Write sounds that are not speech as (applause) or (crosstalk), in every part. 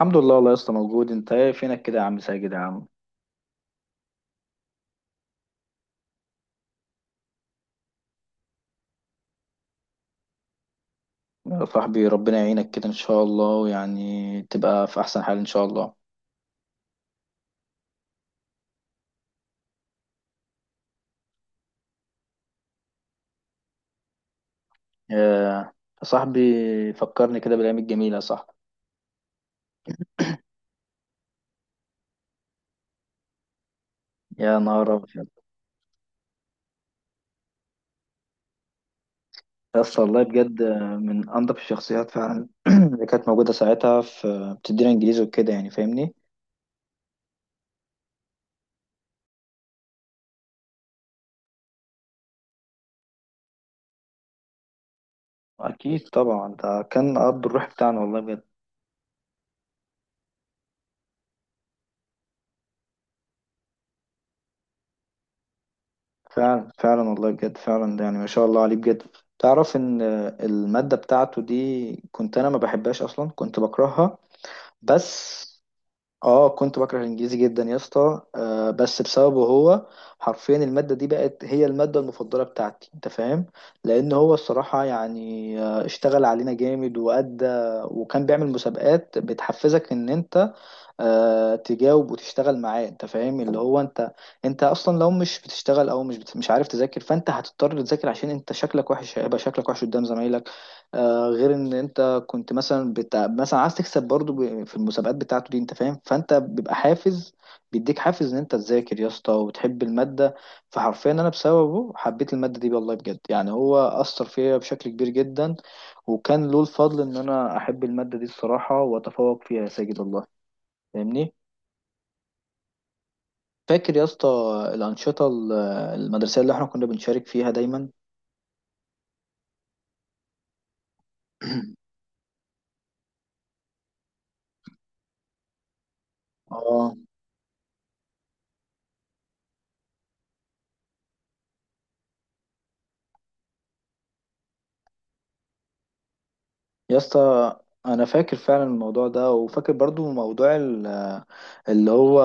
الحمد لله والله يا اسطى، موجود. انت ايه، فينك كده يا عم ساجد يا عم؟ يا صاحبي ربنا يعينك كده ان شاء الله، ويعني تبقى في احسن حال ان شاء الله. يا يا صاحبي فكرني كده بالايام الجميله يا صاحبي. يا نهار ابيض، يا اسطى والله بجد، من انضف الشخصيات فعلا (clears throat) اللي كانت موجوده ساعتها، في بتدينا انجليزي وكده يعني، فاهمني؟ اكيد طبعا، ده كان اب الروح بتاعنا والله بجد. فعلا فعلا والله بجد فعلا، يعني ما شاء الله عليه بجد. تعرف ان المادة بتاعته دي كنت انا ما بحبهاش اصلا، كنت بكرهها، بس اه كنت بكره الانجليزي جدا يا اسطى. آه بس بسببه هو، حرفيا المادة دي بقت هي المادة المفضلة بتاعتي، انت فاهم؟ لان هو الصراحة يعني اشتغل علينا جامد، وادى. وكان بيعمل مسابقات بتحفزك ان انت تجاوب وتشتغل معاه، انت فاهم؟ اللي هو انت، انت اصلا لو مش بتشتغل او مش عارف تذاكر، فانت هتضطر تذاكر، عشان انت شكلك وحش، هيبقى شكلك وحش قدام زمايلك. آه، غير ان انت كنت مثلا مثلا عايز تكسب برضو في المسابقات بتاعته دي، انت فاهم؟ فانت بيبقى حافز، بيديك حافز ان انت تذاكر يا اسطى وتحب المادة. فحرفيا انا بسببه حبيت المادة دي والله بجد، يعني هو اثر فيا بشكل كبير جدا، وكان له الفضل ان انا احب المادة دي الصراحة، واتفوق فيها يا ساجد والله. فاهمني؟ فاكر يا اسطى الأنشطة ال- المدرسية اللي احنا كنا بنشارك فيها دايما؟ اه. يا اسطى انا فاكر فعلا الموضوع ده، وفاكر برضو موضوع اللي هو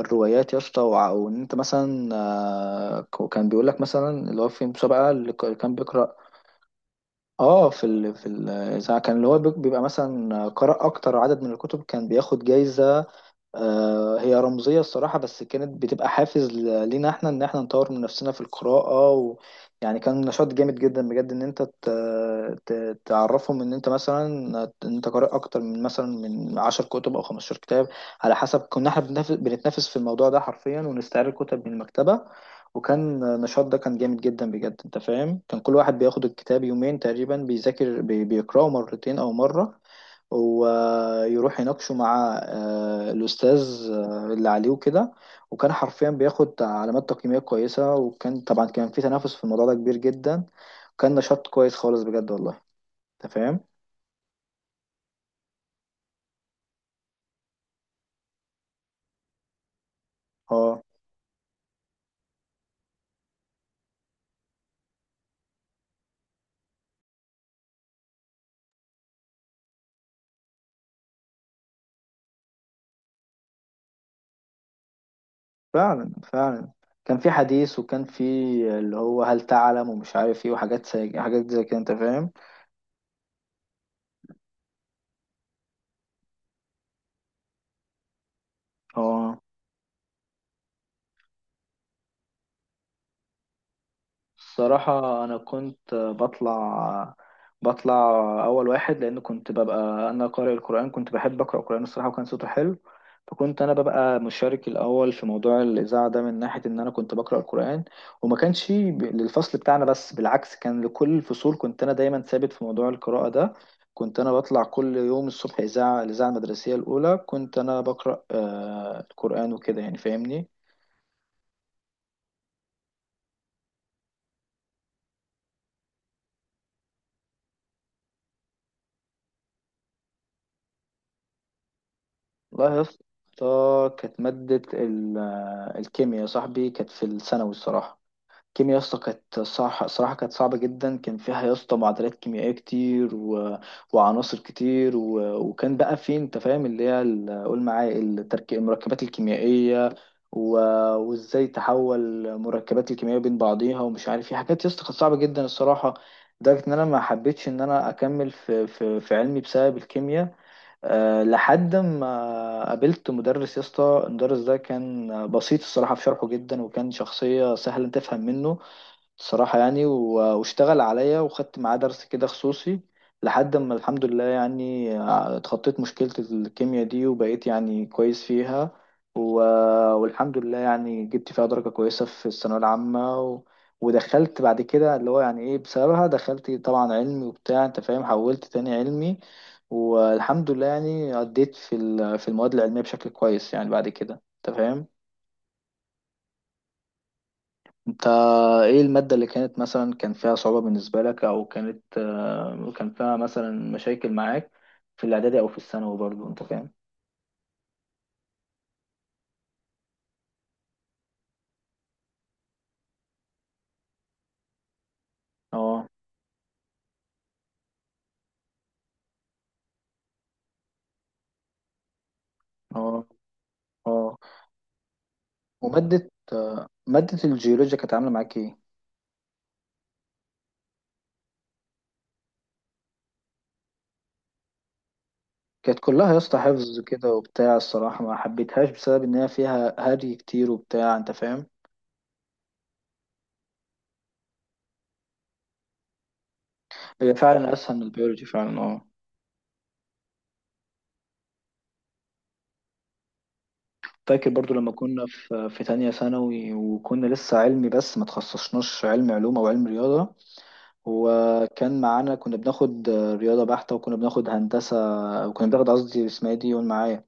الروايات يا اسطى، وان انت مثلا كان بيقول لك مثلا اللي هو في مسابقة، اللي كان بيقرأ. اه، في الاذاعه كان اللي هو بيبقى مثلا قرأ اكتر عدد من الكتب، كان بياخد جايزة. هي رمزية الصراحة، بس كانت بتبقى حافز لينا احنا ان احنا نطور من نفسنا في القراءة. يعني كان نشاط جامد جدا بجد، ان انت تعرفهم ان انت مثلا ان انت قارئ اكتر من مثلا من 10 كتب او 15 كتاب، على حسب. كنا احنا بنتنافس في الموضوع ده حرفيا، ونستعير الكتب من المكتبة. وكان النشاط ده كان جامد جدا بجد، انت فاهم؟ كان كل واحد بياخد الكتاب يومين تقريبا، بيذاكر بيقرأه مرتين او مرة، ويروح يناقشه مع الأستاذ اللي عليه وكده. وكان حرفيا بياخد علامات تقييمية كويسة، وكان طبعا كان في تنافس في الموضوع ده كبير جدا. كان نشاط كويس خالص بجد والله، انت فاهم؟ اه فعلا فعلا، كان في حديث وكان في اللي هو هل تعلم ومش عارف ايه، وحاجات زي حاجات زي كده، انت فاهم؟ اه. الصراحة أنا كنت بطلع أول واحد، لأن كنت ببقى أنا قارئ القرآن، كنت بحب أقرأ القرآن الصراحة، وكان صوته حلو. فكنت أنا ببقى مشارك الأول في موضوع الإذاعة ده، من ناحية إن أنا كنت بقرأ القرآن. وما كانش للفصل بتاعنا بس، بالعكس كان لكل الفصول. كنت أنا دايما ثابت في موضوع القراءة ده، كنت أنا بطلع كل يوم الصبح إذاعة، الإذاعة المدرسية الأولى، كنت أنا بقرأ القرآن وكده يعني، فاهمني؟ والله يا اسطى كانت مادة الكيمياء يا صاحبي، كانت في الثانوي الصراحة. الكيمياء يا اسطى كانت صح صراحة، كانت صعبة جدا. كان فيها يا اسطى معادلات كيميائية وعناصر كتير. وكان بقى في، انت فاهم، اللي هي قول معايا التركيب، المركبات الكيميائية و... وازاي تحول مركبات الكيميائية بين بعضيها، ومش عارف ايه. حاجات يا اسطى كانت صعبة جدا الصراحة، لدرجة ان انا ما حبيتش ان انا اكمل في في علمي بسبب الكيمياء. أه، لحد ما قابلت مدرس يا اسطى، المدرس ده كان بسيط الصراحة في شرحه جدا، وكان شخصية سهلة تفهم منه الصراحة يعني، واشتغل عليا، وخدت معاه درس كده خصوصي. لحد ما الحمد لله يعني اتخطيت مشكلة الكيمياء دي، وبقيت يعني كويس فيها و... والحمد لله يعني جبت فيها درجة كويسة في الثانوية العامة. ودخلت بعد كده اللي هو يعني ايه، بسببها دخلت طبعا علمي وبتاع، انت فاهم، حولت تاني علمي. والحمد لله يعني عديت في في المواد العلمية بشكل كويس يعني بعد كده، انت فاهم؟ انت ايه المادة اللي كانت مثلا كان فيها صعوبة بالنسبة لك، او كانت كان فيها مثلا مشاكل معاك في الاعدادي او في الثانوي برضو، انت فاهم؟ اه اه اه. ومادة مادة الجيولوجيا كانت عاملة معاك ايه؟ كانت كلها يا اسطى حفظ كده وبتاع الصراحة، ما حبيتهاش بسبب ان هي فيها هري كتير وبتاع، انت فاهم؟ هي فعلا اسهل من البيولوجي فعلا، اه. فاكر برضو لما كنا في تانية ثانوي، وكنا لسه علمي بس ما تخصصناش علم علوم او علم رياضة، وكان معانا كنا بناخد رياضة بحتة، وكنا بناخد هندسة، وكنا بناخد، قصدي اسمها ايه دي، قول معايا،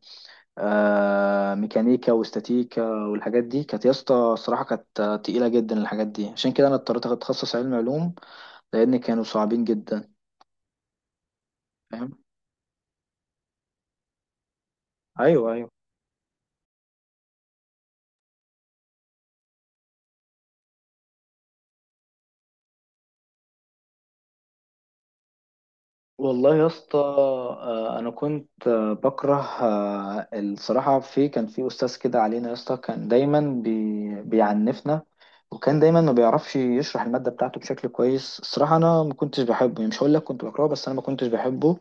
آه، ميكانيكا واستاتيكا. والحاجات دي كانت يا اسطى الصراحة كانت تقيلة جدا الحاجات دي، عشان كده أنا اضطريت أتخصص علم علوم لأن كانوا صعبين جدا. فاهم؟ أيوه أيوه. والله يا اسطى انا كنت بكره. الصراحه، في كان في استاذ كده علينا يا اسطى، كان دايما بيعنفنا، وكان دايما ما بيعرفش يشرح الماده بتاعته بشكل كويس الصراحه. انا ما كنتش بحبه يعني، مش هقول لك كنت بكرهه، بس انا ما كنتش بحبه.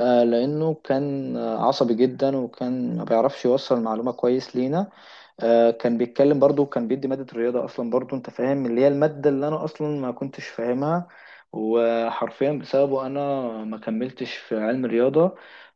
لانه كان عصبي جدا، وكان ما بيعرفش يوصل المعلومه كويس لينا. كان بيتكلم برضو، كان بيدي مادة الرياضة أصلا برضو، أنت فاهم، اللي هي المادة اللي أنا أصلا ما كنتش فاهمها، وحرفيا بسببه أنا ما كملتش في علم الرياضة،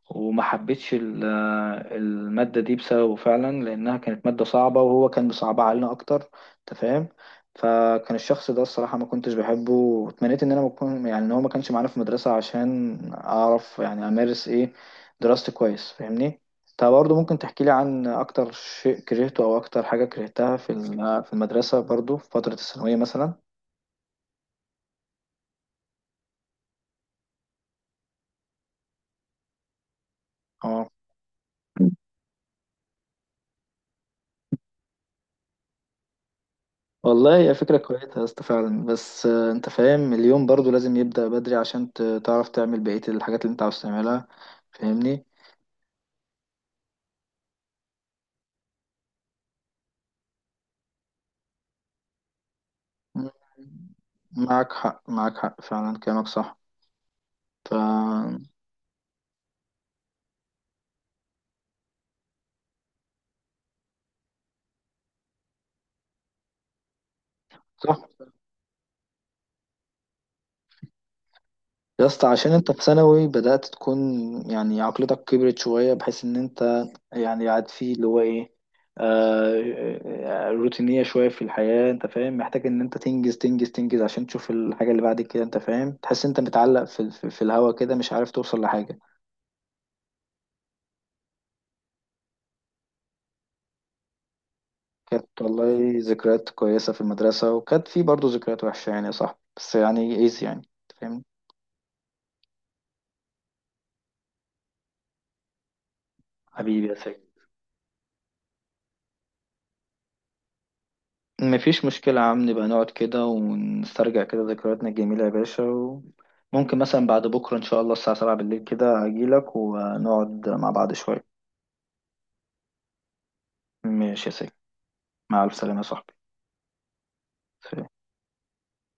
وما حبيتش المادة دي بسببه فعلا، لأنها كانت مادة صعبة وهو كان بيصعبها علينا أكتر، أنت فاهم؟ فكان الشخص ده الصراحة ما كنتش بحبه، واتمنيت إن أنا ما أكون، يعني إن هو ما كانش معانا في المدرسة، عشان أعرف يعني أمارس، إيه، دراستي كويس، فاهمني؟ طب برضه ممكن تحكي لي عن أكتر شيء كرهته، أو أكتر حاجة كرهتها في في المدرسة برضه في فترة الثانوية مثلا؟ اه. والله هي فكرة كويسة يا اسطى فعلا، بس انت فاهم، اليوم برضو لازم يبدأ بدري عشان تعرف تعمل بقية الحاجات اللي انت عاوز تعملها، فاهمني؟ معك حق معك حق فعلا، كلامك صح. ف، صح يا اسطى، عشان انت في ثانوي بدأت تكون، يعني عقلتك كبرت شوية، بحيث ان انت يعني قاعد فيه اللي هو ايه، روتينية شوية في الحياة، انت فاهم، محتاج ان انت تنجز تنجز تنجز، عشان تشوف الحاجة اللي بعد كده، انت فاهم؟ تحس انت متعلق في الهوا كده، مش عارف توصل لحاجة. كانت والله ذكريات كويسة في المدرسة، وكانت في برضه ذكريات وحشة يعني يا صاحبي، بس يعني ايز، يعني انت فاهم. حبيبي يا ساجد، مفيش مشكلة يا عم، نبقى نقعد كده ونسترجع كده ذكرياتنا الجميلة يا باشا. وممكن مثلا بعد بكرة إن شاء الله الساعة 7 بالليل كده أجيلك، ونقعد مع بعض شوية. ماشي يا سيدي. مع ألف سلامة يا صاحبي.